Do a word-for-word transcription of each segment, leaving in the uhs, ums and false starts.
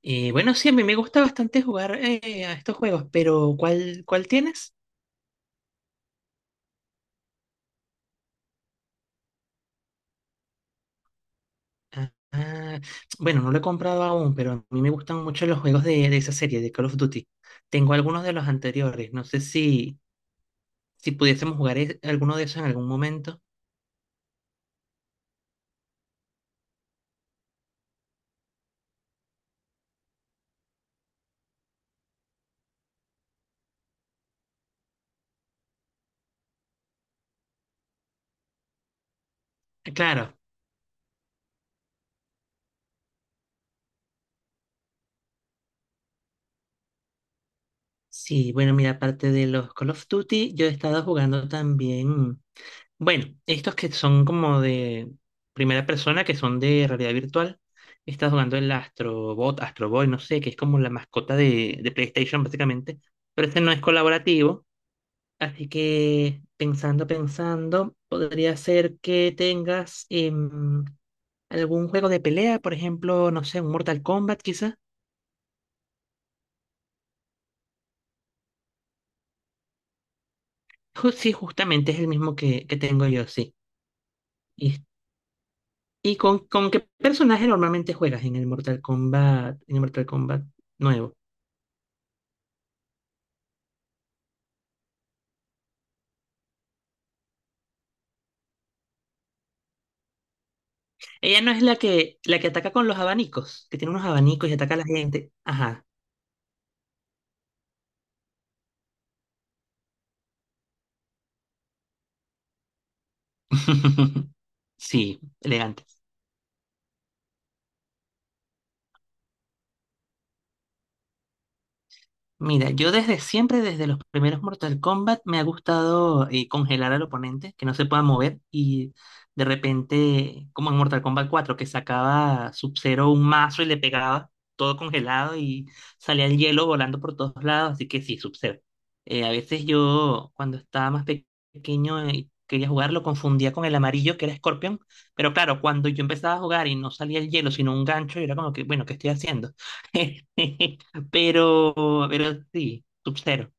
Y bueno, sí, a mí me gusta bastante jugar eh, a estos juegos, pero ¿cuál, cuál tienes? Ah, ah, bueno, no lo he comprado aún, pero a mí me gustan mucho los juegos de, de esa serie, de Call of Duty. Tengo algunos de los anteriores, no sé si, si pudiésemos jugar e- alguno de esos en algún momento. Ah, claro, sí, bueno, mira, aparte de los Call of Duty, yo he estado jugando también. Bueno, estos que son como de primera persona, que son de realidad virtual. Estás jugando el Astrobot, Astroboy, no sé, que es como la mascota de, de PlayStation, básicamente. Pero este no es colaborativo. Así que, pensando, pensando, podría ser que tengas em, algún juego de pelea, por ejemplo, no sé, un Mortal Kombat, quizá. Ju- Sí, justamente es el mismo que, que tengo yo, sí. ¿Y, y con, con qué personaje normalmente juegas en el Mortal Kombat, en el Mortal Kombat nuevo? Ella no es la que, la que ataca con los abanicos, que tiene unos abanicos y ataca a la gente. Ajá. Sí, elegante. Mira, yo desde siempre, desde los primeros Mortal Kombat, me ha gustado eh, congelar al oponente, que no se pueda mover y de repente, como en Mortal Kombat cuatro, que sacaba Sub-Zero un mazo y le pegaba todo congelado y salía el hielo volando por todos lados, así que sí, Sub-Zero. Eh, a veces yo, cuando estaba más pe- pequeño y quería jugar, lo confundía con el amarillo, que era Scorpion, pero claro, cuando yo empezaba a jugar y no salía el hielo, sino un gancho, yo era como que, bueno, ¿qué estoy haciendo? Pero, pero sí, Sub-Zero.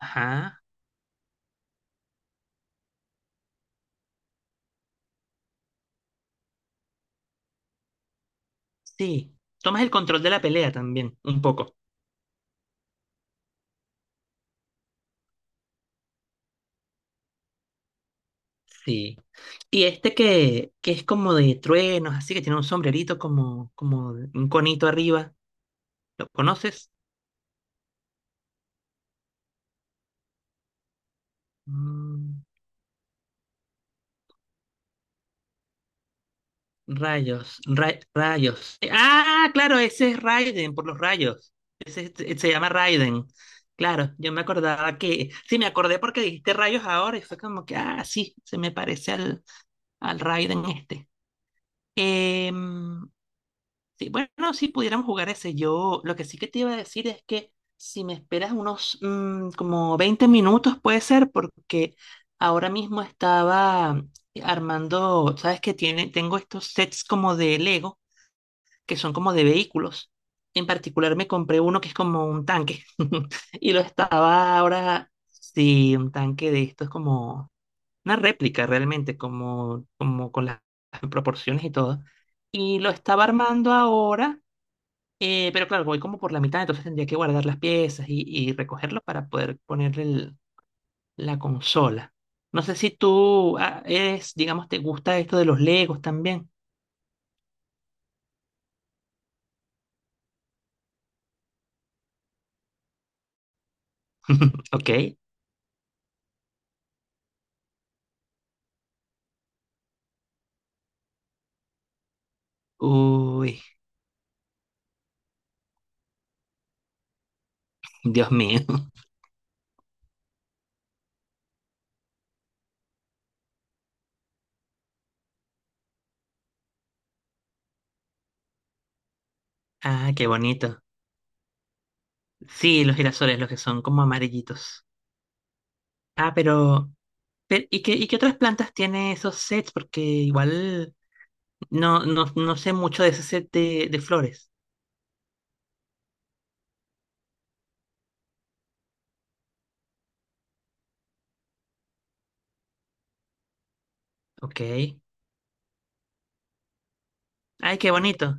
Ajá, sí. Tomas el control de la pelea también, un poco. Sí. Y este que, que es como de truenos, así que tiene un sombrerito como, como un conito arriba. ¿Lo conoces? Mm, rayos, ra- rayos. Ah, claro, ese es Raiden, por los rayos. Ese es- eh, se llama Raiden. Claro, yo me acordaba que. Sí, me acordé porque dijiste rayos ahora y fue como que, ah, sí, se me parece al, al Raiden este. Em, sí, bueno, sí pudiéramos jugar ese. Yo lo que sí que te iba a decir es que si me esperas unos mm, como veinte minutos puede ser porque ahora mismo estaba armando, sabes que tiene, tengo estos sets como de Lego que son como de vehículos. En particular me compré uno que es como un tanque y lo estaba ahora, sí, un tanque de estos como una réplica realmente, como, como con las proporciones y todo. Y lo estaba armando ahora, eh, pero claro, voy como por la mitad, entonces tendría que guardar las piezas y, y recogerlo para poder ponerle el- la consola. No sé si tú ah, eres, digamos, te gusta esto de los Legos también. Ok. Uy, Dios mío. Ah, qué bonito. Sí, los girasoles, los que son como amarillitos. Ah, pero, pe- ¿y qué, y qué otras plantas tiene esos sets? Porque igual no, no, no sé mucho de ese set de, de flores. Ok. Ay, qué bonito.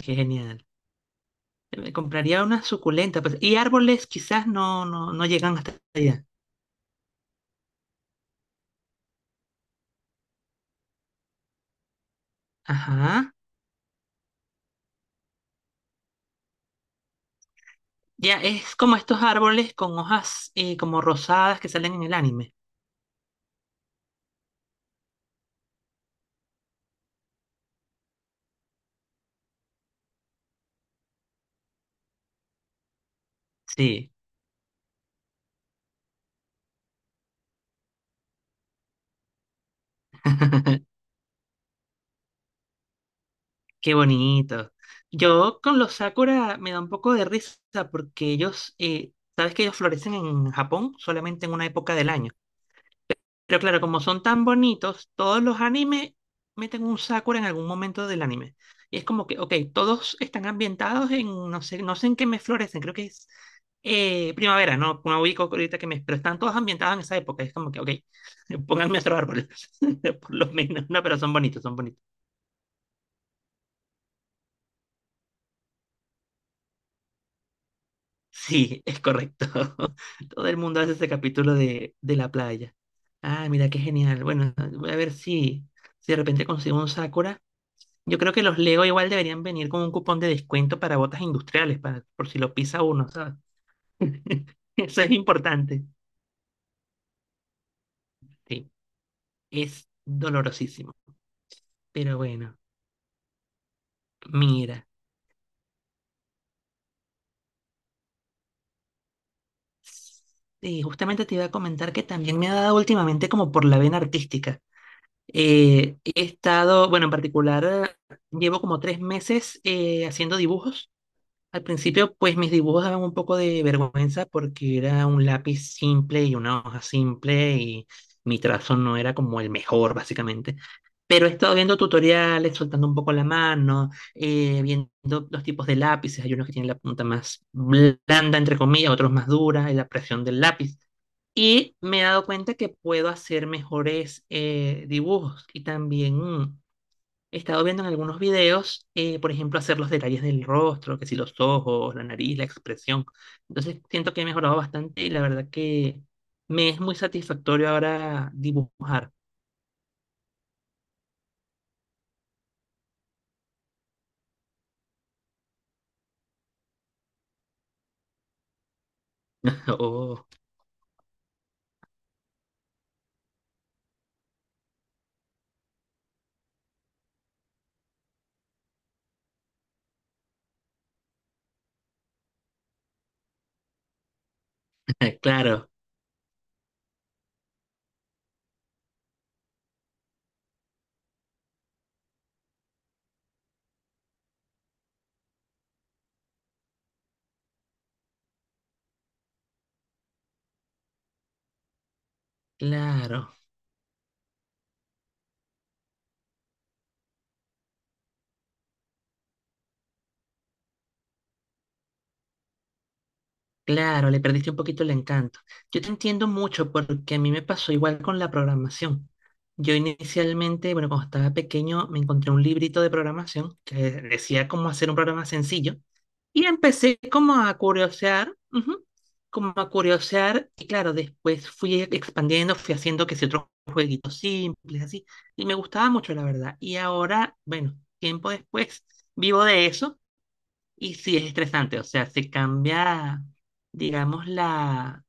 Qué genial. Me compraría una suculenta, pues, y árboles quizás no, no, no llegan hasta allá. Ajá. Ya, es como estos árboles con hojas eh, como rosadas que salen en el anime. Sí. Qué bonito. Yo con los sakura me da un poco de risa porque ellos, eh, sabes que ellos florecen en Japón solamente en una época del año. Pero claro, como son tan bonitos, todos los animes meten un Sakura en algún momento del anime. Y es como que, ok, todos están ambientados en, no sé, no sé en qué mes florecen, creo que es eh, primavera, no, no ubico ahorita que mes, pero están todos ambientados en esa época. Es como que, ok, pónganme otro árbol, por lo menos. No, pero son bonitos, son bonitos. Sí, es correcto. Todo el mundo hace ese capítulo de, de la playa. Ah, mira, qué genial. Bueno, voy a ver si, si de repente consigo un Sakura. Yo creo que los Lego igual deberían venir con un cupón de descuento para botas industriales, para, por si lo pisa uno, ¿sabes? Eso es importante. Sí, es dolorosísimo. Pero bueno, mira. Sí, justamente te iba a comentar que también me ha dado últimamente como por la vena artística. Eh, he estado, bueno, en particular, eh, llevo como tres meses eh, haciendo dibujos. Al principio, pues mis dibujos daban un poco de vergüenza porque era un lápiz simple y una hoja simple y mi trazo no era como el mejor, básicamente. Pero he estado viendo tutoriales, soltando un poco la mano, eh, viendo los tipos de lápices. Hay unos que tienen la punta más blanda, entre comillas, otros más dura, y la presión del lápiz. Y me he dado cuenta que puedo hacer mejores eh, dibujos y también mm, he estado viendo en algunos videos, eh, por ejemplo, hacer los detalles del rostro, que si los ojos, la nariz, la expresión. Entonces siento que he mejorado bastante y la verdad que me es muy satisfactorio ahora dibujar. Oh, claro, claro. Claro, le perdiste un poquito el encanto. Yo te entiendo mucho porque a mí me pasó igual con la programación. Yo inicialmente, bueno, cuando estaba pequeño, me encontré un librito de programación que decía cómo hacer un programa sencillo y empecé como a curiosear, ujú, como a curiosear y claro, después fui expandiendo, fui haciendo que si otros jueguitos simples, así, y me gustaba mucho, la verdad. Y ahora, bueno, tiempo después, vivo de eso. Y sí, es estresante, o sea, se cambia, digamos, la,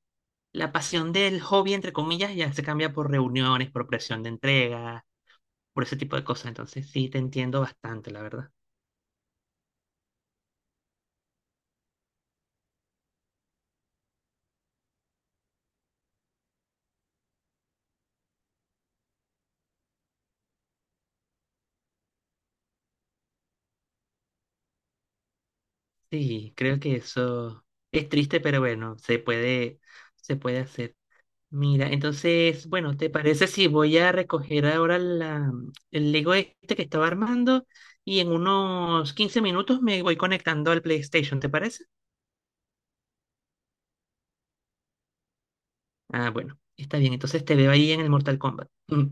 la pasión del hobby, entre comillas, ya se cambia por reuniones, por presión de entrega, por ese tipo de cosas. Entonces, sí, te entiendo bastante, la verdad. Sí, creo que eso es triste, pero bueno, se puede, se puede hacer. Mira, entonces, bueno, ¿te parece si voy a recoger ahora la, el Lego este que estaba armando y en unos quince minutos me voy conectando al PlayStation? ¿Te parece? Ah, bueno, está bien. Entonces te veo ahí en el Mortal Kombat. Mm,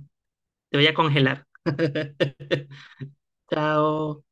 te voy a congelar. Chao.